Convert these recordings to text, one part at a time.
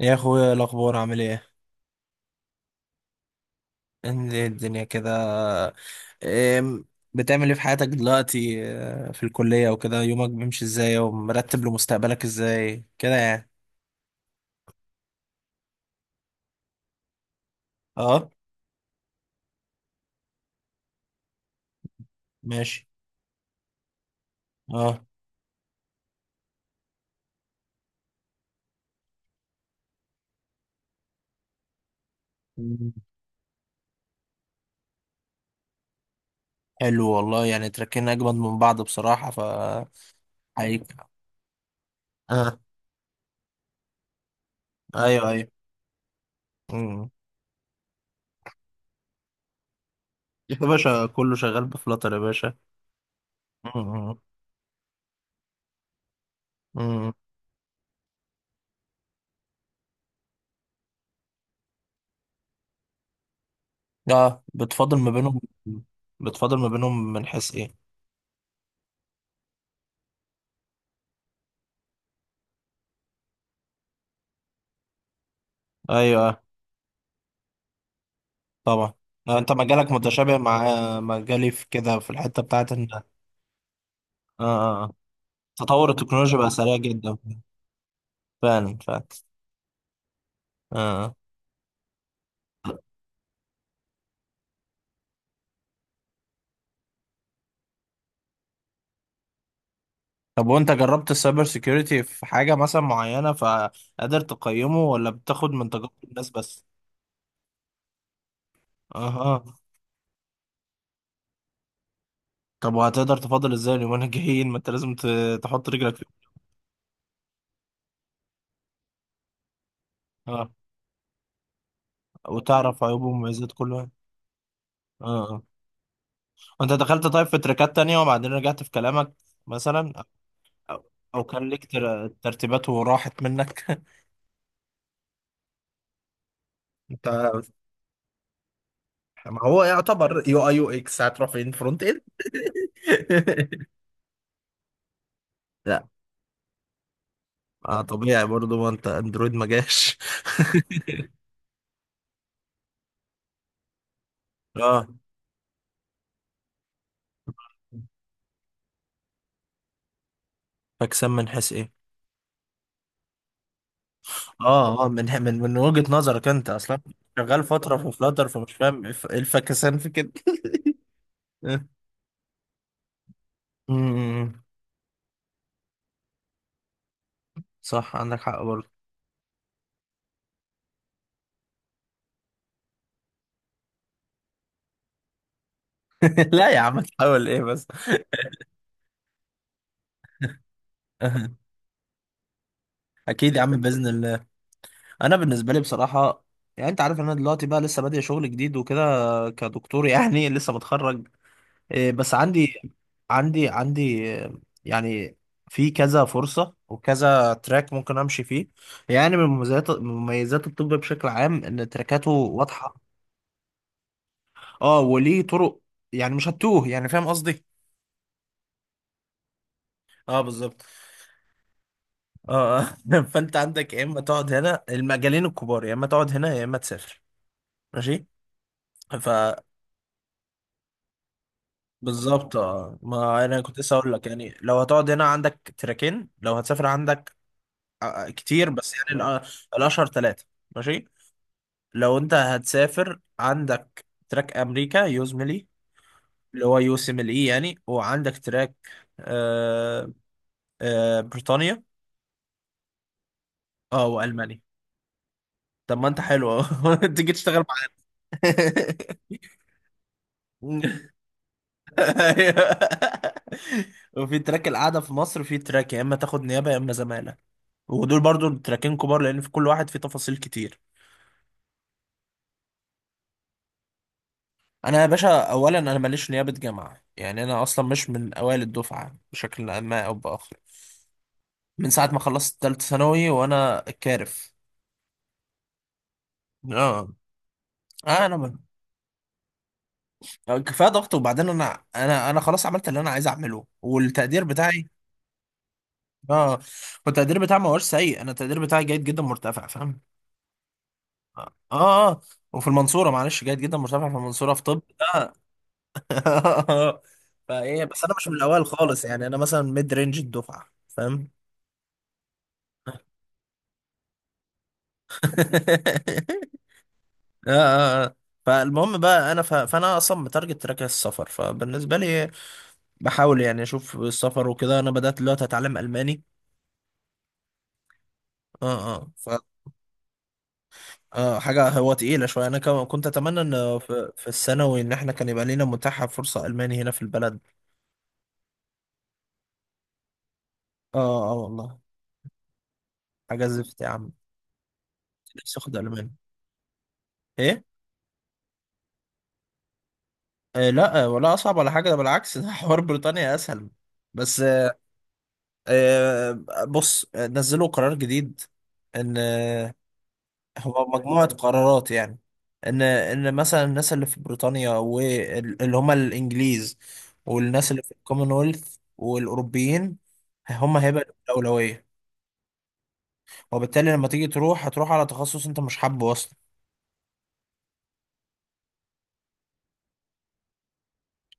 يا اخويا الاخبار عامل ايه؟ انت إيه الدنيا كده؟ إيه؟ بتعمل ايه في حياتك دلوقتي في الكلية وكده؟ يومك بيمشي ازاي ومرتب لمستقبلك ازاي كده يعني؟ اه. ماشي. اه. مم. حلو والله، يعني تركينا اجمد من بعض بصراحة. ف حقيقي. اه. ايوه. مم. يا باشا كله شغال بفلاتر يا باشا. مم. مم. اه، بتفاضل ما بينهم. بتفاضل ما بينهم من حيث ايه؟ ايوه. طبعا. انت مجالك متشابه مع مجالي في كده، في الحته بتاعت ان آه، آه. تطور التكنولوجيا بقى سريع جدا. فعلا. آه. آه. طب وانت جربت السايبر سيكيورتي في حاجه مثلا معينه فقادر تقيمه، ولا بتاخد من تجارب الناس بس؟ اها. طب وهتقدر تفاضل ازاي اليومين الجايين ما انت لازم تحط رجلك فيه؟ اه. وتعرف عيوبه ومميزات كل واحد. اه. آه. وانت دخلت طيب في تريكات تانية وبعدين رجعت في كلامك مثلا؟ او أو كان ليك ترتيبات وراحت منك؟ انت! ما هو يعتبر يو اي يو اكس هتروح فين؟ فرونت اند. لا. آه طبيعي برضو، ما انت اندرويد ما جاش. اه. فاكسان من حيث ايه؟ اه اه، من وجهة نظرك انت اصلا؟ شغال فترة في فلاتر فمش فاهم ايه إيه الفاكسان في كده. امم. صح، عندك حق برضه. لا يا عم، تحاول ايه بس. اكيد يا عم باذن الله. انا بالنسبه لي بصراحه، يعني انت عارف ان انا دلوقتي بقى لسه بادئ شغل جديد وكده، كدكتور يعني، لسه متخرج. إيه، بس عندي عندي يعني في كذا فرصه وكذا تراك ممكن امشي فيه. يعني من مميزات الطب بشكل عام ان تراكاته واضحه. اه، وليه طرق، يعني مش هتوه، يعني فاهم قصدي. اه بالظبط. اه. فانت عندك يا اما تقعد هنا، المجالين الكبار، يا اما تقعد هنا يا اما تسافر. ماشي. بالظبط، اه، ما انا كنت لسه اقول لك، يعني لو هتقعد هنا عندك تراكين، لو هتسافر عندك كتير. بس يعني الاشهر ثلاثه. ماشي. لو انت هتسافر عندك تراك امريكا، يوزملي، اللي هو يو سي مل اي يعني، وعندك تراك آه آه بريطانيا. اه والمانيا. طب ما انت حلو اهو، تيجي تشتغل معايا. أيوه. وفي تراك القعده في مصر، في تراك يا اما تاخد نيابه يا اما زماله. ودول برضو تراكين كبار، لان في كل واحد فيه تفاصيل كتير. انا يا باشا اولا انا ماليش نيابه جامعه، يعني انا اصلا مش من اوائل الدفعه بشكل ما او باخر. من ساعه ما خلصت ثالثه ثانوي وانا كارف. اه. آه، انا ب... كفايه ضغط، وبعدين انا خلاص عملت اللي انا عايز اعمله، والتقدير بتاعي. اه. والتقدير بتاعي ما هوش سيء، انا التقدير بتاعي جيد جدا مرتفع، فاهم؟ اه اه. آه. وفي المنصوره، معلش، جيد جدا مرتفع في المنصوره في طب. فايه، بس انا مش من الاوائل خالص، يعني انا مثلا ميد رينج الدفعه، فاهم؟ اه اه. آه. فالمهم بقى فانا اصلا متارجت تراك السفر، فبالنسبه لي بحاول يعني اشوف السفر وكده. انا بدات دلوقتي اتعلم الماني. اه اه. ف اه، حاجه هو تقيله شويه. انا كنت اتمنى ان في الثانوي ان احنا كان يبقى لينا متاحه فرصه الماني هنا في البلد. اه اه والله. حاجه زفت يا عم. نفسي اخد الماني. ايه؟ لا ولا اصعب ولا حاجه، ده بالعكس، ده حوار بريطانيا اسهل. بس بص نزلوا قرار جديد ان هو مجموعه قرارات يعني. ان مثلا الناس اللي في بريطانيا واللي هم الانجليز، والناس اللي في الكومنولث والاوروبيين، هم هيبقى الاولويه. وبالتالي لما تيجي تروح هتروح على تخصص انت مش حابه اصلا.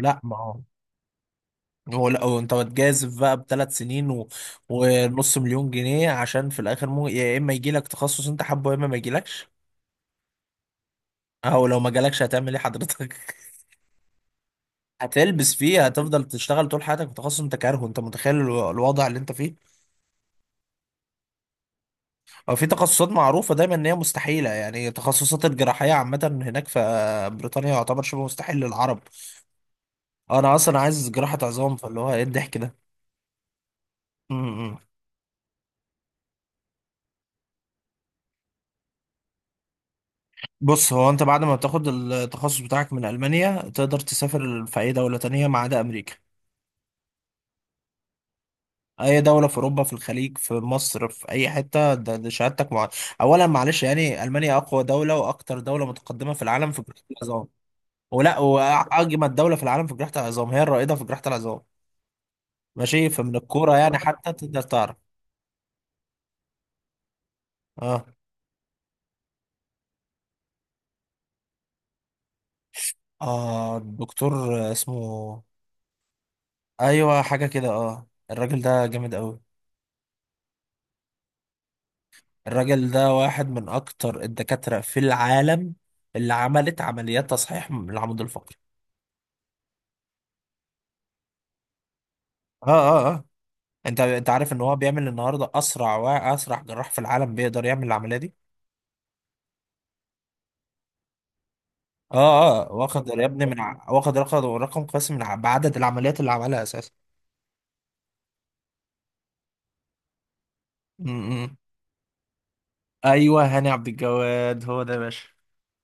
لا، ما هو هو لا، هو انت بتجازف بقى بثلاث سنين ونص مليون جنيه، عشان في الاخر يا اما يجي لك تخصص انت حابه، يا اما ما يجيلكش. او لو ما جالكش هتعمل ايه حضرتك؟ هتلبس فيه، هتفضل تشتغل طول حياتك في تخصص انت كارهه. انت متخيل الوضع اللي انت فيه؟ او في تخصصات معروفه دايما ان هي مستحيله، يعني تخصصات الجراحيه عامه هناك في بريطانيا يعتبر شبه مستحيل للعرب. انا اصلا عايز جراحه عظام، فاللي هو ايه الضحك ده. بص، هو انت بعد ما تاخد التخصص بتاعك من المانيا تقدر تسافر في اي دوله تانية ما عدا امريكا. اي دوله في اوروبا، في الخليج، في مصر، في اي حته. ده شهادتك اولا معلش يعني، المانيا اقوى دوله واكتر دوله متقدمه في العالم في جراحه العظام، ولا واجمد دوله في العالم في جراحه العظام، هي الرائده في جراحه العظام. ماشي، فمن الكوره يعني حتى تقدر تعرف. اه اه. الدكتور اسمه ايوه حاجه كده. اه، الراجل ده جامد قوي. الراجل ده واحد من اكتر الدكاترة في العالم اللي عملت عمليات تصحيح من العمود الفقري. اه اه اه. انت انت عارف ان هو بيعمل النهارده اسرع واسرع جراح في العالم بيقدر يعمل العملية دي. اه اه. واخد يا ابني واخد رقم قياسي بعدد العمليات اللي عملها اساسا. م- م. ايوه، هاني عبد الجواد، هو ده يا باشا.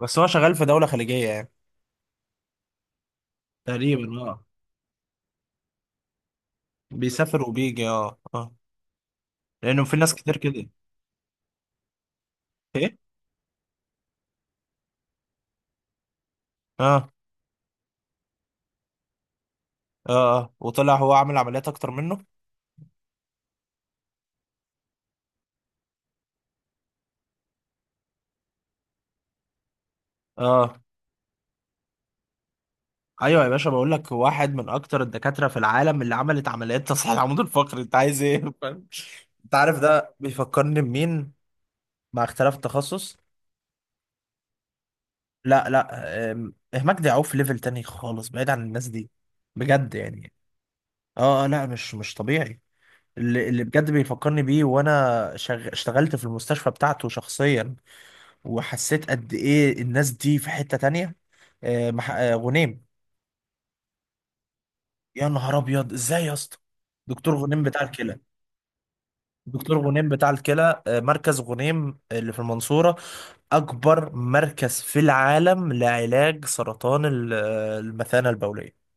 بس هو شغال في دولة خليجية يعني. تقريبا اه. بيسافر وبيجي. اه اه. لانه في ناس كتير كده. ايه؟ اه اه اه. وطلع هو عامل عمليات اكتر منه. اه. ايوه يا باشا، بقول لك واحد من اكتر الدكاتره في العالم اللي عملت عمليات تصحيح العمود الفقري، انت عايز ايه؟ فاهم؟ انت عارف ده بيفكرني بمين، مع اختلاف التخصص؟ لا لا، مجدي يعقوب في ليفل تاني خالص، بعيد عن الناس دي بجد يعني. اه لا مش مش طبيعي. اللي بجد بيفكرني بيه وانا اشتغلت في المستشفى بتاعته شخصيا، وحسيت قد ايه الناس دي في حتة تانية. آه، غنيم. يا نهار ابيض، ازاي يا اسطى! دكتور غنيم بتاع الكلى. دكتور غنيم بتاع الكلى، مركز غنيم اللي في المنصورة، أكبر مركز في العالم لعلاج سرطان آه، المثانة البولية.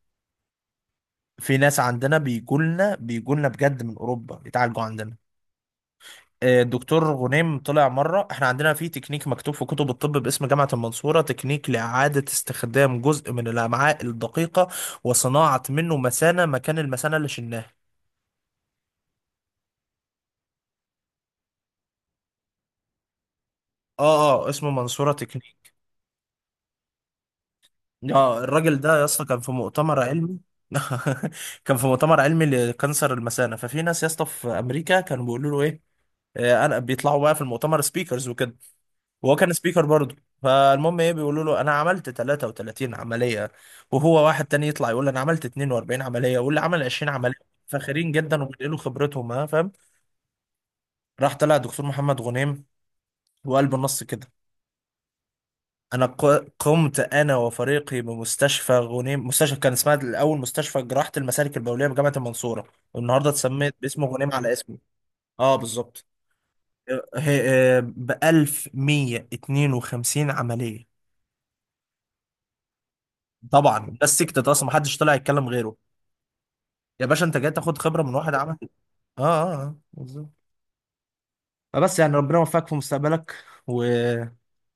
في ناس عندنا بيجولنا بجد من أوروبا يتعالجوا عندنا. الدكتور غنيم طلع مرة، احنا عندنا في تكنيك مكتوب في كتب الطب باسم جامعة المنصورة، تكنيك لإعادة استخدام جزء من الأمعاء الدقيقة وصناعة منه مثانة مكان المثانة اللي شلناها. اه اه، اسمه منصورة تكنيك. اه، الراجل ده يا اسطى كان في مؤتمر علمي. كان في مؤتمر علمي لكانسر المثانه، ففي ناس يا اسطى في امريكا كانوا بيقولوا له ايه، انا بيطلعوا بقى في المؤتمر سبيكرز وكده، وهو كان سبيكر برضه. فالمهم ايه، بيقولوا له انا عملت 33 عمليه، وهو واحد تاني يطلع يقول انا عملت 42 عمليه، واللي عمل 20 عمليه. فاخرين جدا وبينقلوا خبرتهم، ها فاهم. راح طلع دكتور محمد غنيم، وقال بالنص كده: انا قمت انا وفريقي بمستشفى غنيم، مستشفى كان اسمها الاول مستشفى جراحه المسالك البوليه بجامعه المنصوره، والنهارده اتسمت باسم غنيم على اسمي، اه بالظبط، ب 1152 عمليه. طبعا ده السكت اصلا، محدش طلع يتكلم غيره. يا باشا انت جاي تاخد خبره من واحد عمل. اه اه بالظبط. فبس يعني ربنا يوفقك في مستقبلك و...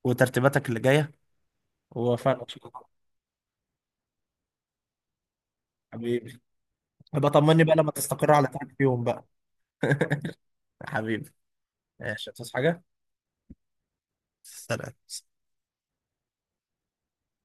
وترتيباتك اللي جايه، ووفقنا ان شاء الله. حبيبي. يبقى طمني بقى لما تستقر على ترك فيهم بقى. حبيبي. ماشي، تصحى حاجة. سلام.